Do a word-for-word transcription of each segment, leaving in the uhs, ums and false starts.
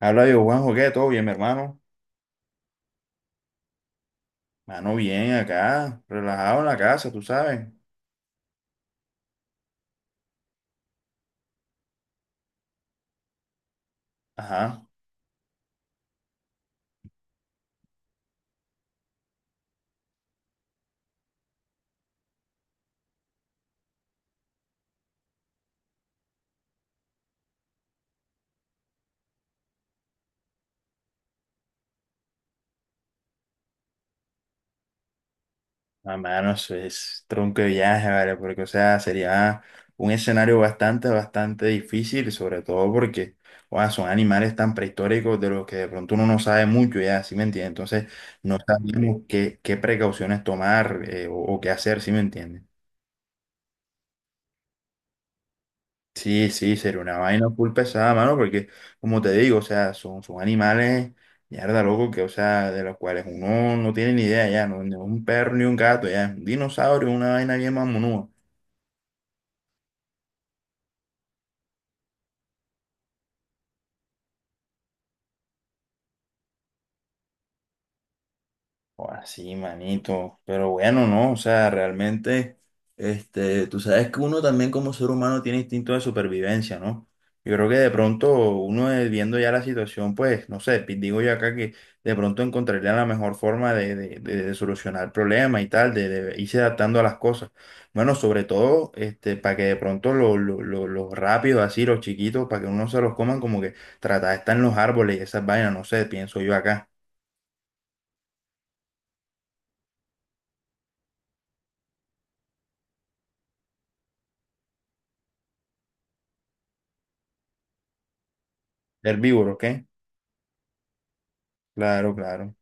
Habla yo, Juanjo, ¿qué? ¿Todo bien, mi hermano? Mano, bien, acá, relajado en la casa, tú sabes. Ajá. Ah, mano, eso es tronco de viaje, ¿vale? Porque, o sea, sería un escenario bastante, bastante difícil, sobre todo porque, sea, son animales tan prehistóricos de los que de pronto uno no sabe mucho, ya, ¿sí me entiendes? Entonces, no sabemos qué, qué precauciones tomar eh, o, o qué hacer, ¿sí me entiendes? Sí, sí, sería una vaina full pesada, mano, porque como te digo, o sea, son, son animales, mierda, loco, que, o sea, de los cuales uno no tiene ni idea ya, no, ni un perro ni un gato, ya, es un dinosaurio, una vaina bien mamonúa. Ahora sí, manito. Pero bueno, no, o sea, realmente, este, tú sabes que uno también como ser humano tiene instinto de supervivencia, ¿no? Yo creo que de pronto uno eh, viendo ya la situación, pues, no sé, pi- digo yo acá que de pronto encontraría la mejor forma de, de, de- de solucionar el problema y tal, de, de irse adaptando a las cosas. Bueno, sobre todo, este, para que de pronto los lo, lo- lo- los rápidos, así, los chiquitos, para que uno se los coman, como que tratar de estar en los árboles y esas vainas, no sé, pienso yo acá. Herbívoros, ¿qué? Claro, claro.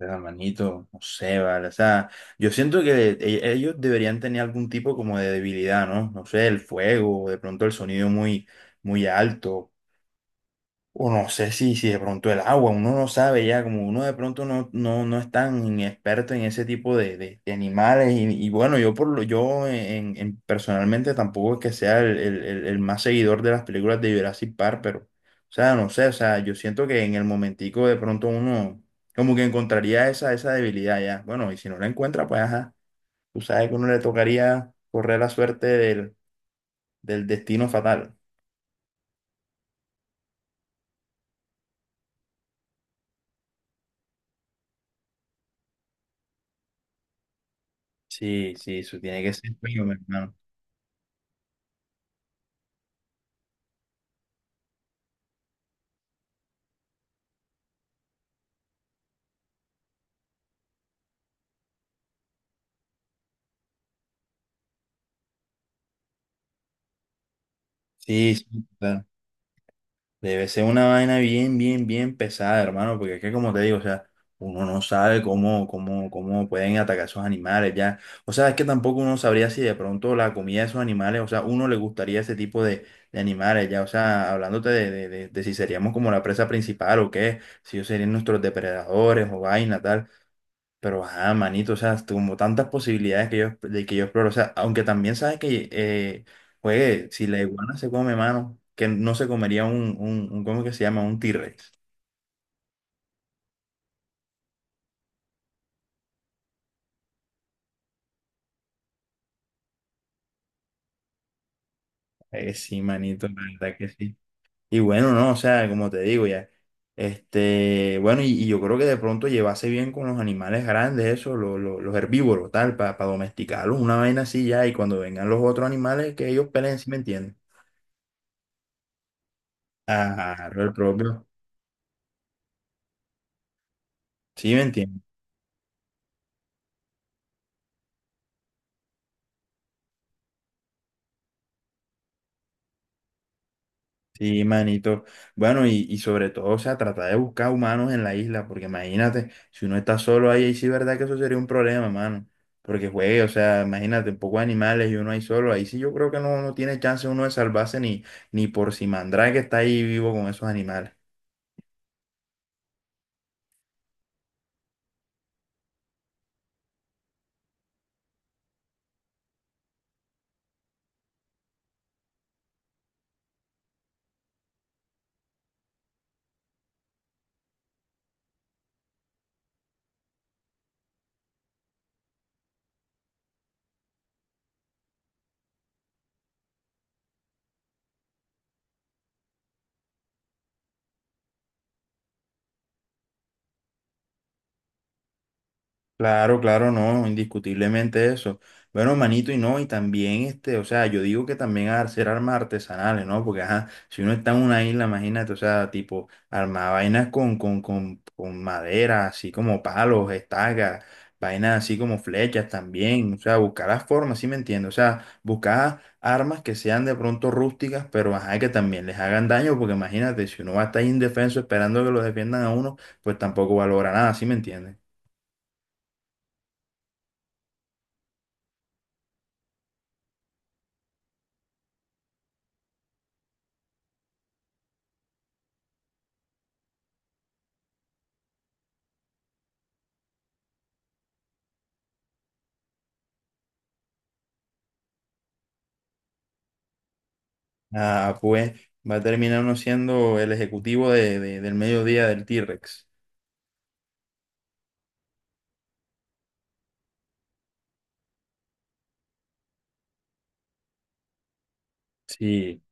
Verga, Manito, no sé, vale. O sea, yo siento que e- ellos deberían tener algún tipo como de debilidad, ¿no? No sé, el fuego, de pronto el sonido muy, muy alto. O no sé si, si de pronto el agua, uno no sabe ya, como uno de pronto no, no, no es tan experto en ese tipo de, de- de animales. Y, y bueno, yo por lo, yo en, en- personalmente tampoco es que sea el, el- el- el más seguidor de las películas de Jurassic Park, pero, o sea, no sé, o sea, yo siento que en el momentico de pronto uno como que encontraría esa, esa debilidad ya. Bueno, y si no la encuentra, pues ajá, tú sabes que uno le tocaría correr la suerte del, del destino fatal. Sí, sí, eso tiene que ser feo, mi hermano. Sí, sí, claro. Debe ser una vaina bien, bien, bien pesada, hermano, porque es que como te digo, o sea, uno no sabe cómo, cómo, cómo pueden atacar esos animales ya. O sea, es que tampoco uno sabría si de pronto la comida de esos animales, o sea, uno le gustaría ese tipo de, de animales ya. O sea, hablándote de, de, de- de si seríamos como la presa principal o qué, si ellos serían nuestros depredadores o vaina, tal. Pero, ah, manito, o sea, como tantas posibilidades que yo, de que yo exploro. O sea, aunque también sabes que, eh, juegue, si la iguana se come, mano, que no se comería un, un, un ¿cómo que se llama? Un T-Rex. Eh, sí, manito, la verdad que sí. Y bueno, no, o sea, como te digo ya, este, bueno, y, y yo creo que de pronto llevase bien con los animales grandes, eso, lo- lo- los herbívoros, tal, para domesticarlos, una vaina así ya, y cuando vengan los otros animales, que ellos peleen, ¿sí me entienden? Ajá, el propio. Sí, me entiendes. Sí, manito. Bueno, y, y sobre todo, o sea, tratar de buscar humanos en la isla, porque imagínate, si uno está solo ahí, ahí sí, verdad que eso sería un problema, mano. Porque juegue, o sea, imagínate, un poco de animales y uno ahí solo, ahí sí yo creo que no, no tiene chance uno de salvarse ni, ni por si Mandrake está ahí vivo con esos animales. Claro, claro, no, indiscutiblemente eso. Bueno, manito, y no, y también este, o sea, yo digo que también hacer armas artesanales, ¿no? Porque, ajá, si uno está en una isla, imagínate, o sea, tipo, armar vainas con, con, con, con madera, así como palos, estacas, vainas así como flechas también, o sea, buscar las formas, ¿sí me entiendes? O sea, buscar armas que sean de pronto rústicas, pero, ajá, que también les hagan daño, porque imagínate, si uno va a estar indefenso esperando que lo defiendan a uno, pues tampoco valora nada, ¿sí me entiendes? Ah, pues va a terminar uno siendo el ejecutivo de, de- del mediodía del T-Rex. Sí,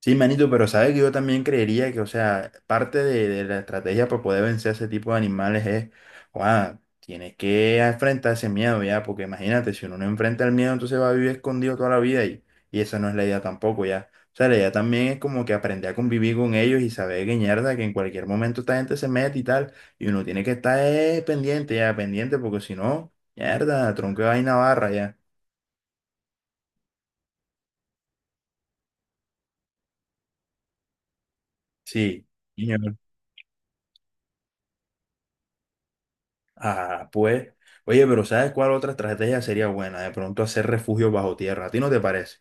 sí, manito, pero sabes que yo también creería que, o sea, parte de, de la estrategia para poder vencer a ese tipo de animales es, wow, tienes que enfrentar ese miedo ya, porque imagínate, si uno no enfrenta el miedo, entonces va a vivir escondido toda la vida y, y esa no es la idea tampoco ya. O sea, la idea también es como que aprender a convivir con ellos y saber que mierda, que en cualquier momento esta gente se mete y tal, y uno tiene que estar eh, pendiente ya, pendiente, porque si no, mierda, tronco de vaina barra ya. Sí. Ah, pues, oye, pero ¿sabes cuál otra estrategia sería buena? De pronto hacer refugio bajo tierra. ¿A ti no te parece?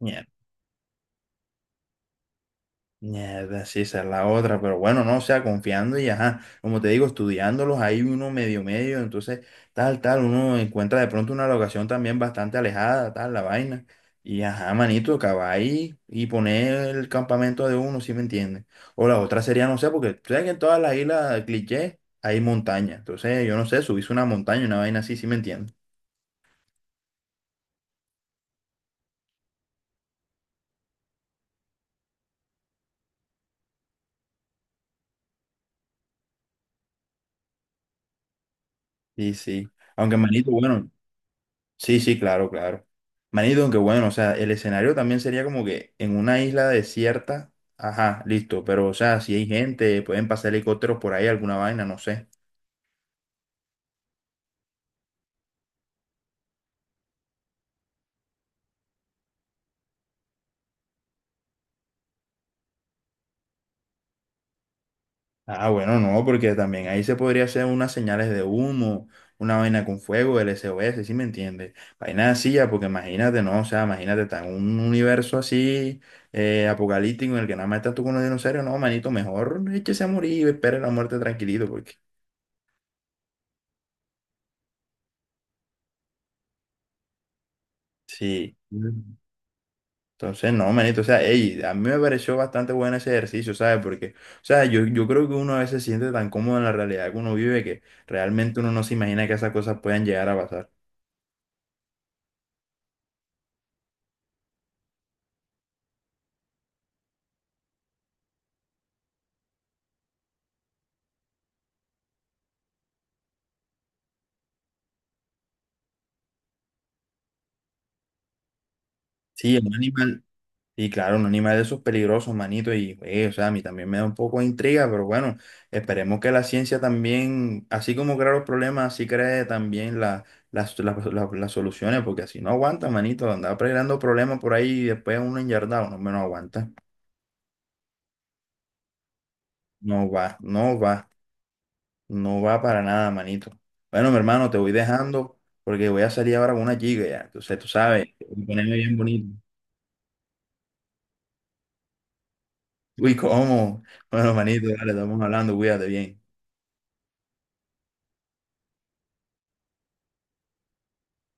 Mierda, mierda, sí, esa es la otra, pero bueno, no, o sea, confiando y ajá, como te digo, estudiándolos, hay uno medio medio, entonces tal, tal, uno encuentra de pronto una locación también bastante alejada, tal, la vaina, y ajá, manito, acabar ahí y poner el campamento de uno, ¿sí me entiendes? O la otra sería, no sé, porque tú sabes que en todas las islas cliché hay montaña, entonces yo no sé, subirse una montaña, una vaina así, ¿sí me entiendes? Sí, sí. Aunque Manito, bueno, sí, sí, claro, claro. Manito, aunque bueno, o sea, el escenario también sería como que en una isla desierta, ajá, listo, pero o sea, si hay gente, pueden pasar helicópteros por ahí, alguna vaina, no sé. Ah, bueno, no, porque también ahí se podría hacer unas señales de humo, una vaina con fuego, el S O S, ¿sí me entiendes? Vaina así, ya, porque imagínate, no, o sea, imagínate, está en un universo así, eh, apocalíptico, en el que nada más estás tú con los dinosaurios, no, manito, mejor échese a morir y espere la muerte tranquilito. Sí. Mm. Entonces, no, manito, o sea, ey, a mí me pareció bastante bueno ese ejercicio, ¿sabes? Porque, o sea, yo, yo creo que uno a veces se siente tan cómodo en la realidad que uno vive que realmente uno no se imagina que esas cosas puedan llegar a pasar. Sí, un animal, y claro, un animal de esos peligrosos, manito, y, eh, o sea, a mí también me da un poco de intriga, pero bueno, esperemos que la ciencia también, así como crea los problemas, así cree también la- las, las, las- las soluciones, porque así no aguanta, manito, andar creando problemas por ahí y después uno enyardado, no, no aguanta. No va, no va, no va para nada, manito. Bueno, mi hermano, te voy dejando porque voy a salir ahora con una chica ya. Entonces, tú sabes, voy a ponerme bien bonito. Uy, ¿cómo? Bueno, manito, dale, estamos hablando, cuídate bien.